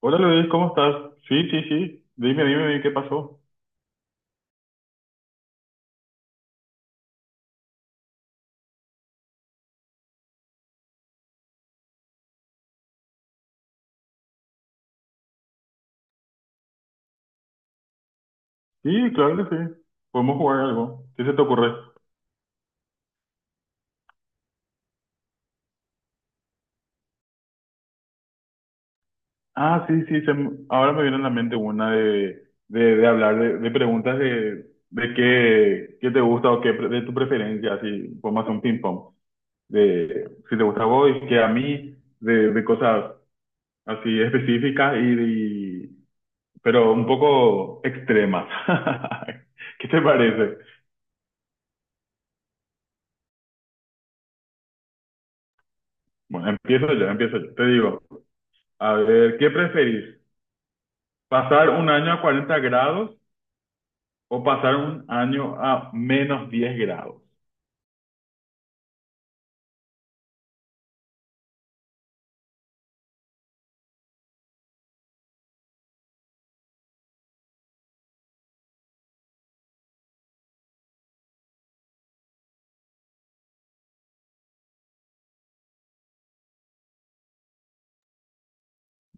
Hola Luis, ¿cómo estás? Sí, sí, sí. Dime, dime, dime, ¿qué pasó? Sí, claro que sí. Podemos jugar algo. ¿Qué se te ocurre? Ah, sí, sí. Ahora me viene a la mente una de, de hablar de preguntas de qué te gusta o de tu preferencia. Así, podemos hacer un ping-pong. De si te gusta a vos y qué a mí, de cosas así específicas y- pero un poco extremas. ¿Qué te parece? Bueno, empiezo yo, empiezo yo. Te digo. A ver, ¿qué preferís? ¿Pasar un año a 40 grados o pasar un año a -10 grados?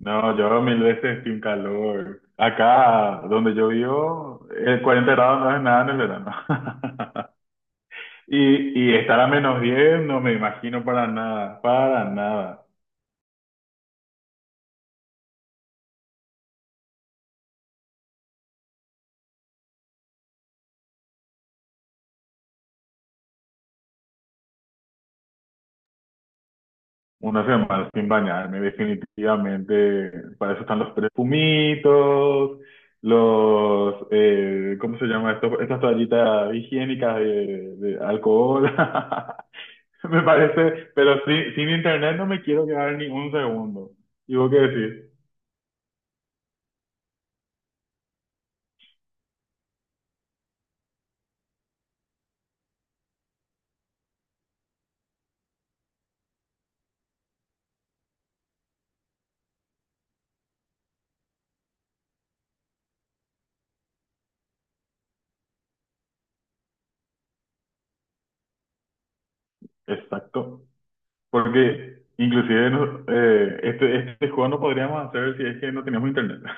No, yo mil veces sin calor. Acá donde yo vivo, el 40 grados no es nada en el verano. Y estar a -10, no me imagino para nada, para nada. Una semana sin bañarme, definitivamente. Para eso están los perfumitos, ¿cómo se llama esto? Estas toallitas higiénicas de alcohol. Me parece, pero sí, sin internet no me quiero quedar ni un segundo. ¿Y vos qué decís? Exacto. Porque inclusive este juego no podríamos hacer si es que no teníamos internet.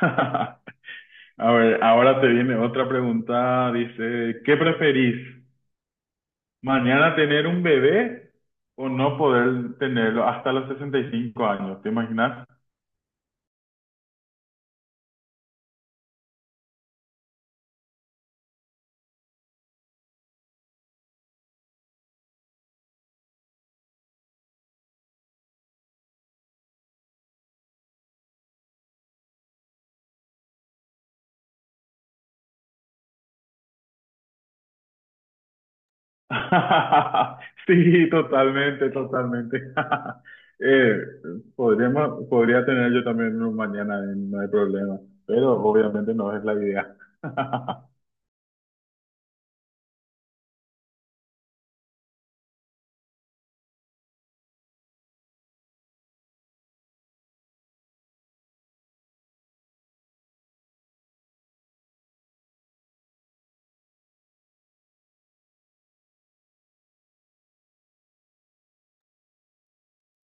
A ver, ahora te viene otra pregunta. Dice, ¿qué preferís? Mañana tener un bebé o no poder tenerlo hasta los 65 años, ¿te imaginas? Sí, totalmente, totalmente. Eh, podría tener yo también uno mañana, no hay problema, pero obviamente no es la idea.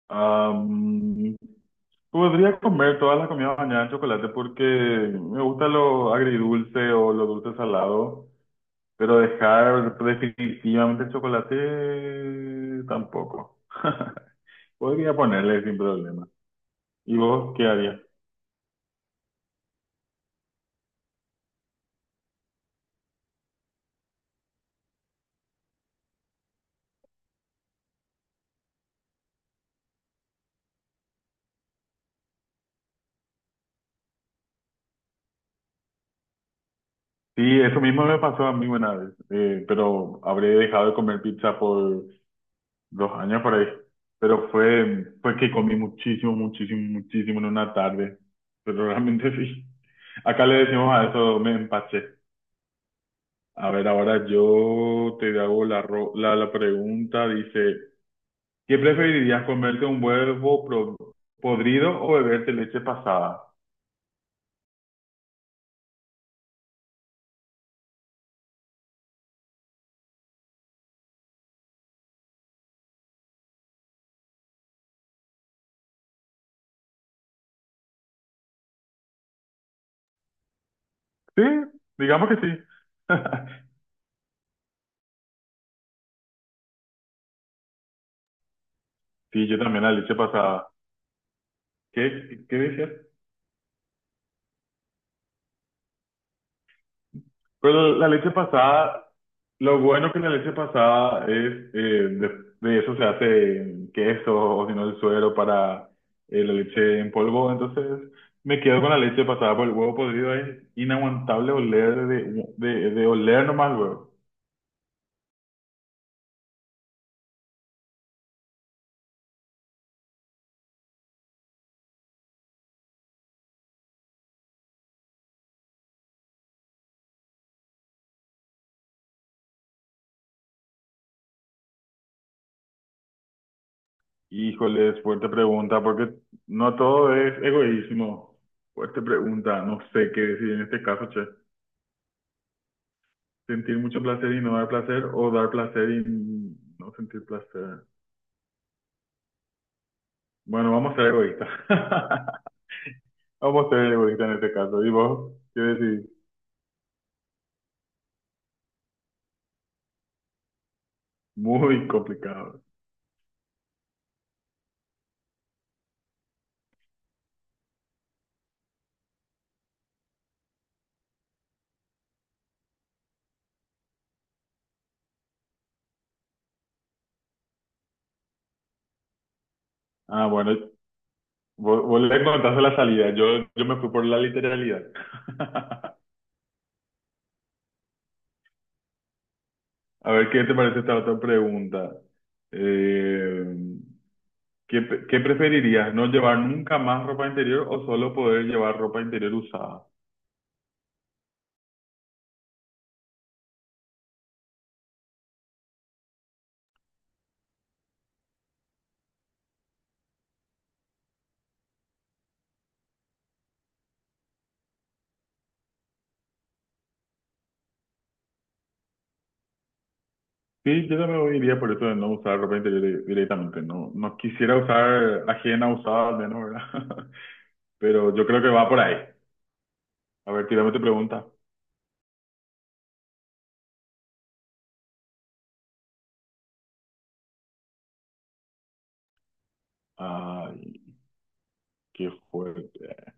Am, Podría comer todas las comidas mañana de chocolate porque me gusta lo agridulce o lo dulce salado. Pero dejar definitivamente el chocolate tampoco. Podría ponerle sin problema. ¿Y vos qué harías? Sí, eso mismo me pasó a mí una vez, pero habré dejado de comer pizza por 2 años por ahí. Pero fue que comí muchísimo, muchísimo, muchísimo en una tarde. Pero realmente sí. Acá le decimos a eso, me empaché. A ver, ahora yo te hago la pregunta. Dice, ¿qué preferirías, comerte un podrido o beberte leche pasada? Sí, digamos que sí. Sí, yo también la leche pasada. ¿Qué decías? Pero la leche pasada, lo bueno que la leche pasada es, eh, de, de eso se hace queso o si no el suero para la leche en polvo. Entonces me quedo con la leche pasada por el huevo podrido. Es inaguantable oler de oler nomás luego. Híjole, fuerte pregunta, porque no todo es egoísmo. Fuerte pregunta, no sé qué decir en este caso, che. Sentir mucho placer y no dar placer, o dar placer y no sentir placer. Bueno, vamos a ser egoístas. Vamos a ser egoístas en este caso. ¿Y vos? ¿Qué decís? Muy complicado. Ah, bueno, vos le contaste la salida. Yo me fui por la literalidad. A ver, ¿qué te parece esta otra pregunta? Eh, ¿qué preferirías? ¿No llevar nunca más ropa interior o solo poder llevar ropa interior usada? Sí, yo también iría por eso de no usar ropa interior directamente. No, no quisiera usar ajena usada al menos, ¿verdad? Pero yo creo que va por ahí. A ver, tírame tu pregunta. Ay, qué fuerte.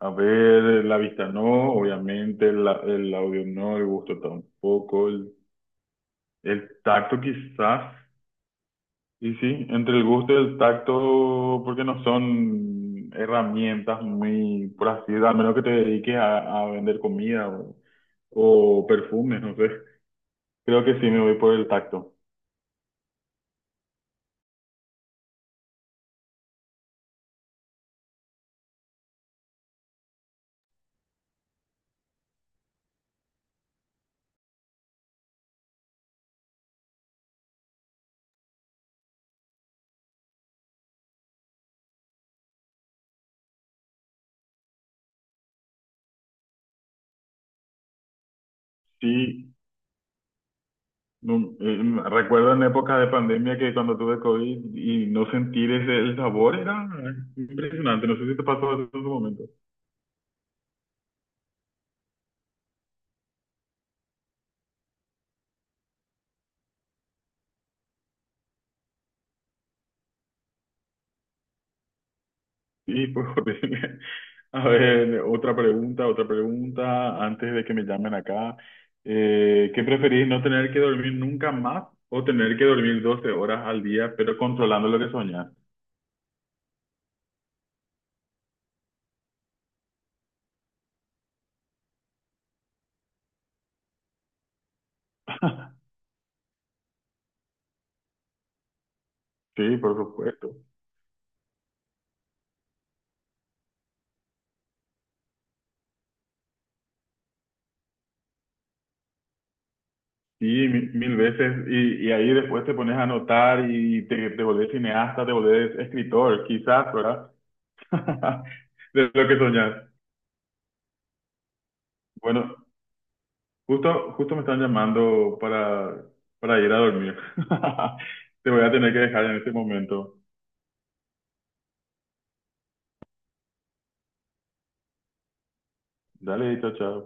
A ver, la vista no, obviamente, el audio no, el gusto tampoco, el tacto quizás, y sí, entre el gusto y el tacto, porque no son herramientas muy, por así decirlo, al menos que te dediques a vender comida o perfumes, no sé. Creo que sí me voy por el tacto. Sí, no, recuerdo en épocas de pandemia que cuando tuve COVID y no sentir el sabor era impresionante. No sé si te pasó eso en su momento. Sí, pues Jorge. A ver, otra pregunta, antes de que me llamen acá. ¿Qué preferís, no tener que dormir nunca más o tener que dormir 12 horas al día, pero controlando lo que soñás? Sí, por supuesto. Sí, mil veces. Y ahí después te pones a anotar y te volvés cineasta, te volvés escritor, quizás, ¿verdad? De lo que soñás. Bueno, justo, justo me están llamando para ir a dormir. Te voy a tener que dejar en este momento. Dale, chao, chao.